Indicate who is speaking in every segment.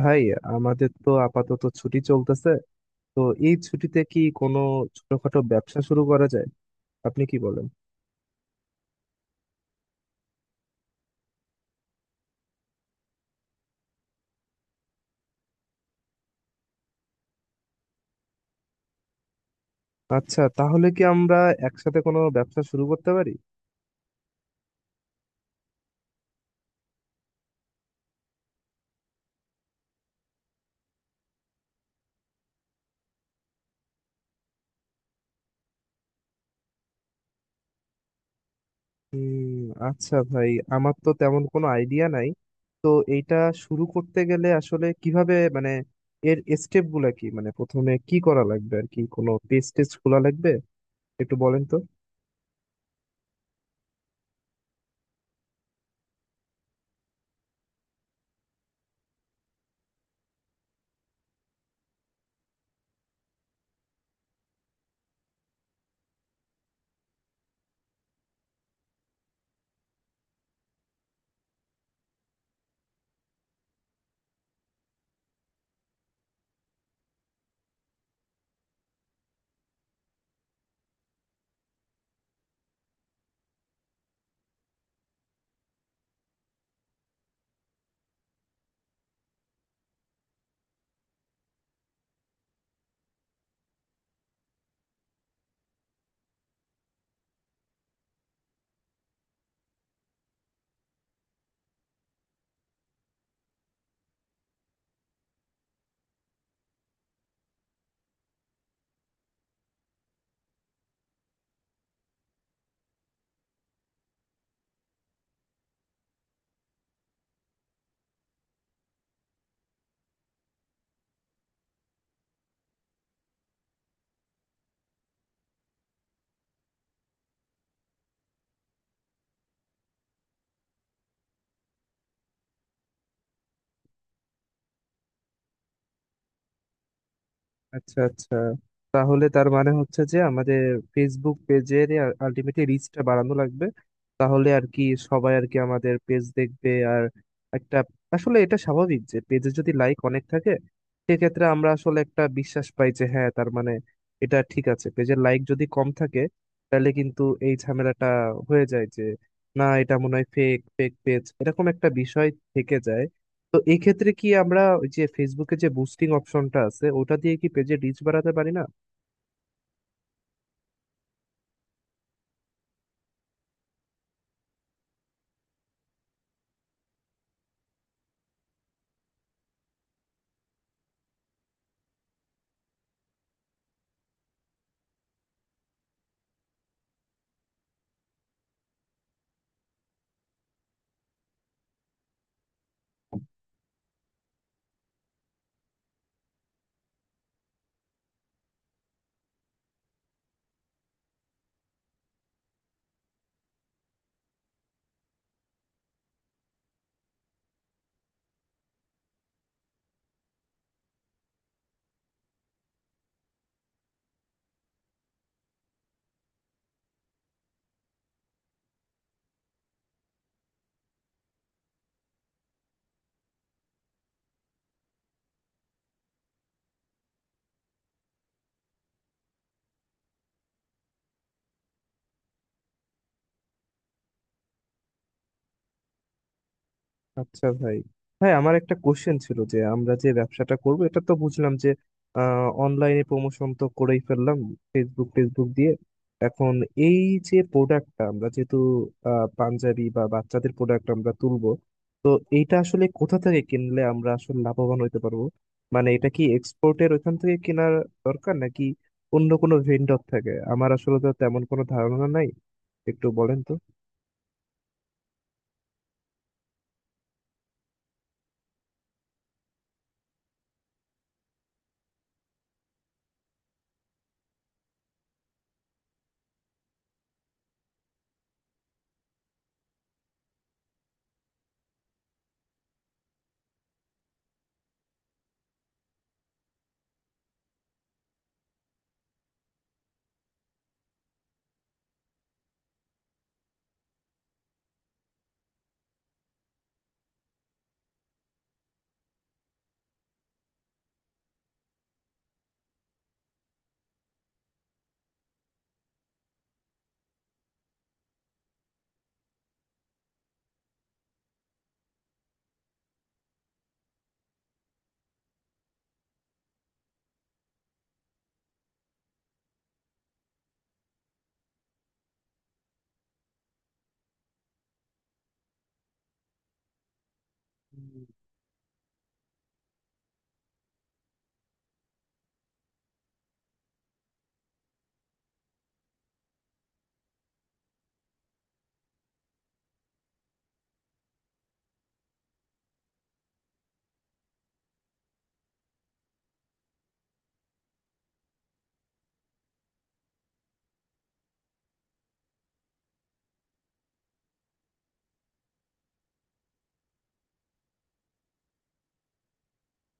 Speaker 1: ভাই, আমাদের তো আপাতত ছুটি চলতেছে। তো এই ছুটিতে কি কোনো ছোটখাটো ব্যবসা শুরু করা যায়? আপনি কি বলেন? আচ্ছা, তাহলে কি আমরা একসাথে কোনো ব্যবসা শুরু করতে পারি? উম আচ্ছা ভাই, আমার তো তেমন কোনো আইডিয়া নাই। তো এইটা শুরু করতে গেলে আসলে কিভাবে, মানে এর স্টেপ গুলা কি, মানে প্রথমে কি করা লাগবে? আর কি কোনো পেজ টেস্ট খোলা লাগবে? একটু বলেন তো। আচ্ছা আচ্ছা, তাহলে তার মানে হচ্ছে যে আমাদের ফেসবুক পেজের আলটিমেটলি রিচটা বাড়ানো লাগবে। তাহলে আর কি সবাই আর কি আমাদের পেজ দেখবে। আর একটা, আসলে এটা স্বাভাবিক যে পেজে যদি লাইক অনেক থাকে, সেক্ষেত্রে আমরা আসলে একটা বিশ্বাস পাই যে হ্যাঁ, তার মানে এটা ঠিক আছে। পেজের লাইক যদি কম থাকে, তাহলে কিন্তু এই ঝামেলাটা হয়ে যায় যে না, এটা মনে হয় ফেক ফেক পেজ, এরকম একটা বিষয় থেকে যায়। তো এই ক্ষেত্রে কি আমরা ওই যে ফেসবুকে যে বুস্টিং অপশনটা আছে ওটা দিয়ে কি পেজে রিচ বাড়াতে পারি না? আচ্ছা ভাই, ভাই আমার একটা কোশ্চেন ছিল যে আমরা যে ব্যবসাটা করব এটা তো বুঝলাম। যে অনলাইনে প্রমোশন তো করেই ফেললাম ফেসবুক ফেসবুক দিয়ে। এখন এই যে প্রোডাক্টটা আমরা, যেহেতু পাঞ্জাবি বা বাচ্চাদের প্রোডাক্ট আমরা তুলবো, তো এইটা আসলে কোথা থেকে কিনলে আমরা আসলে লাভবান হতে পারবো? মানে এটা কি এক্সপোর্টের ওইখান থেকে কেনার দরকার, নাকি অন্য কোনো ভেন্ডর থাকে? আমার আসলে তো তেমন কোনো ধারণা নাই, একটু বলেন তো।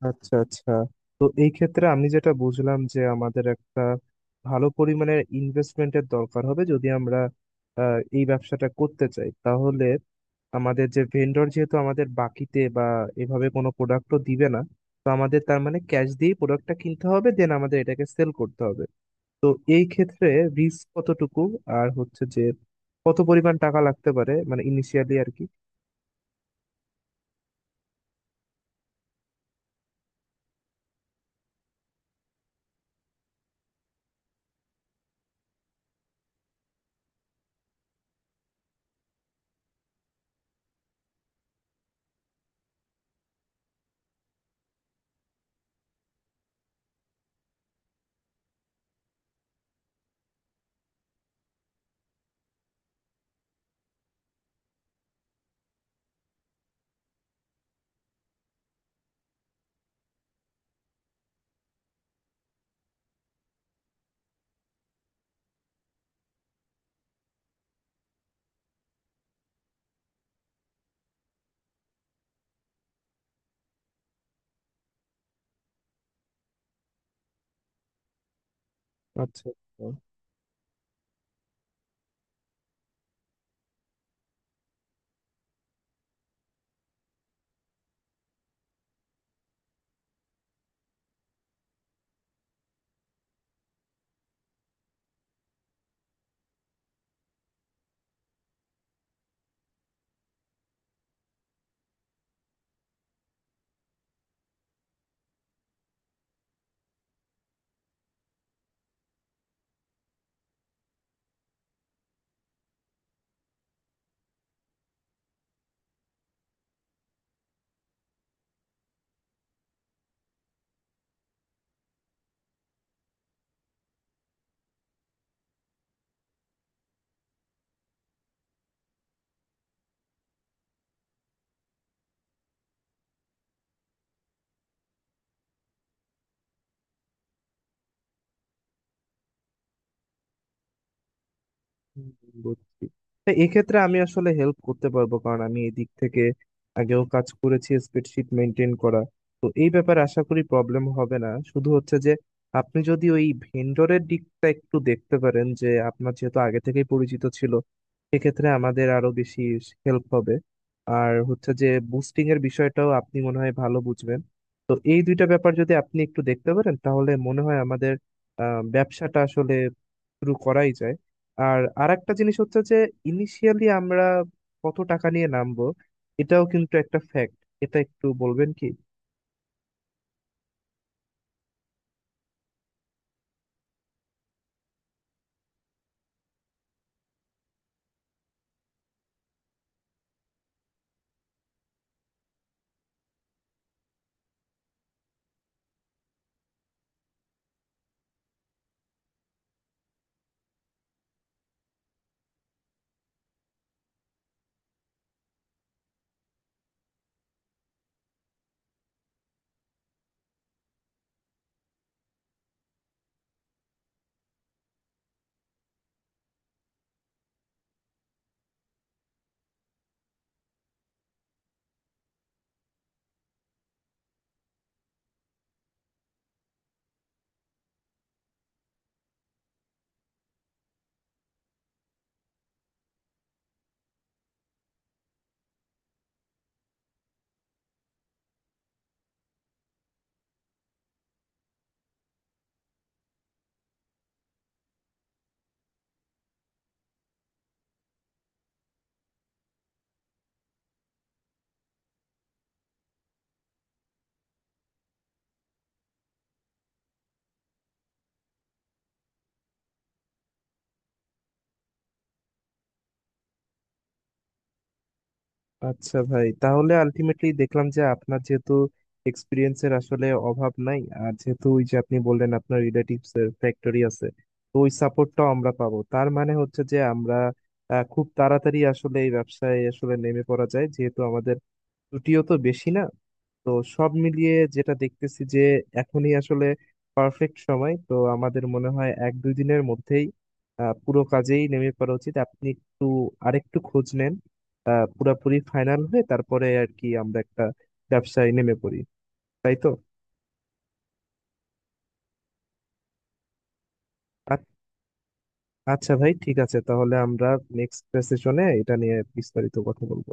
Speaker 1: আচ্ছা আচ্ছা, তো এই ক্ষেত্রে আমি যেটা বুঝলাম যে আমাদের একটা ভালো পরিমাণের ইনভেস্টমেন্টের দরকার হবে যদি আমরা এই ব্যবসাটা করতে চাই। তাহলে আমাদের যে ভেন্ডর, যেহেতু আমাদের বাকিতে বা এভাবে কোনো প্রোডাক্টও দিবে না, তো আমাদের তার মানে ক্যাশ দিয়ে প্রোডাক্টটা কিনতে হবে, দেন আমাদের এটাকে সেল করতে হবে। তো এই ক্ষেত্রে রিস্ক কতটুকু, আর হচ্ছে যে কত পরিমাণ টাকা লাগতে পারে, মানে ইনিশিয়ালি আর কি। আচ্ছা আচ্ছা। হুম, বুঝছি। তা এক্ষেত্রে আমি আসলে হেল্প করতে পারবো, কারণ আমি এই দিক থেকে আগেও কাজ করেছি, স্প্রেডশিট মেনটেন করা। তো এই ব্যাপারে আশা করি প্রবলেম হবে না। শুধু হচ্ছে যে আপনি যদি ওই ভেন্ডরের দিকটা একটু দেখতে পারেন, যে আপনার যেহেতু আগে থেকেই পরিচিত ছিল, সেক্ষেত্রে আমাদের আরো বেশি হেল্প হবে। আর হচ্ছে যে বুস্টিং এর বিষয়টাও আপনি মনে হয় ভালো বুঝবেন। তো এই দুইটা ব্যাপার যদি আপনি একটু দেখতে পারেন, তাহলে মনে হয় আমাদের ব্যবসাটা আসলে শুরু করাই যায়। আর আরেকটা জিনিস হচ্ছে যে ইনিশিয়ালি আমরা কত টাকা নিয়ে নামবো, এটাও কিন্তু একটা ফ্যাক্ট। এটা একটু বলবেন কি? আচ্ছা ভাই, তাহলে আলটিমেটলি দেখলাম যে আপনার যেহেতু এক্সপিরিয়েন্সের আসলে অভাব নাই, আর যেহেতু ওই যে আপনি বললেন আপনার রিলেটিভস এর ফ্যাক্টরি আছে, তো ওই সাপোর্টটাও আমরা পাবো। তার মানে হচ্ছে যে আমরা খুব তাড়াতাড়ি আসলে এই ব্যবসায় আসলে নেমে পড়া যায়, যেহেতু আমাদের ছুটিও তো বেশি না। তো সব মিলিয়ে যেটা দেখতেছি যে এখনই আসলে পারফেক্ট সময়। তো আমাদের মনে হয় এক দুই দিনের মধ্যেই পুরো কাজেই নেমে পড়া উচিত। আপনি একটু আরেকটু খোঁজ নেন, পুরাপুরি ফাইনাল হয়ে, তারপরে আর কি আমরা একটা ব্যবসায় নেমে পড়ি। তাই তো? আ- আচ্ছা ভাই, ঠিক আছে, তাহলে আমরা নেক্সট সেশনে এটা নিয়ে বিস্তারিত কথা বলবো।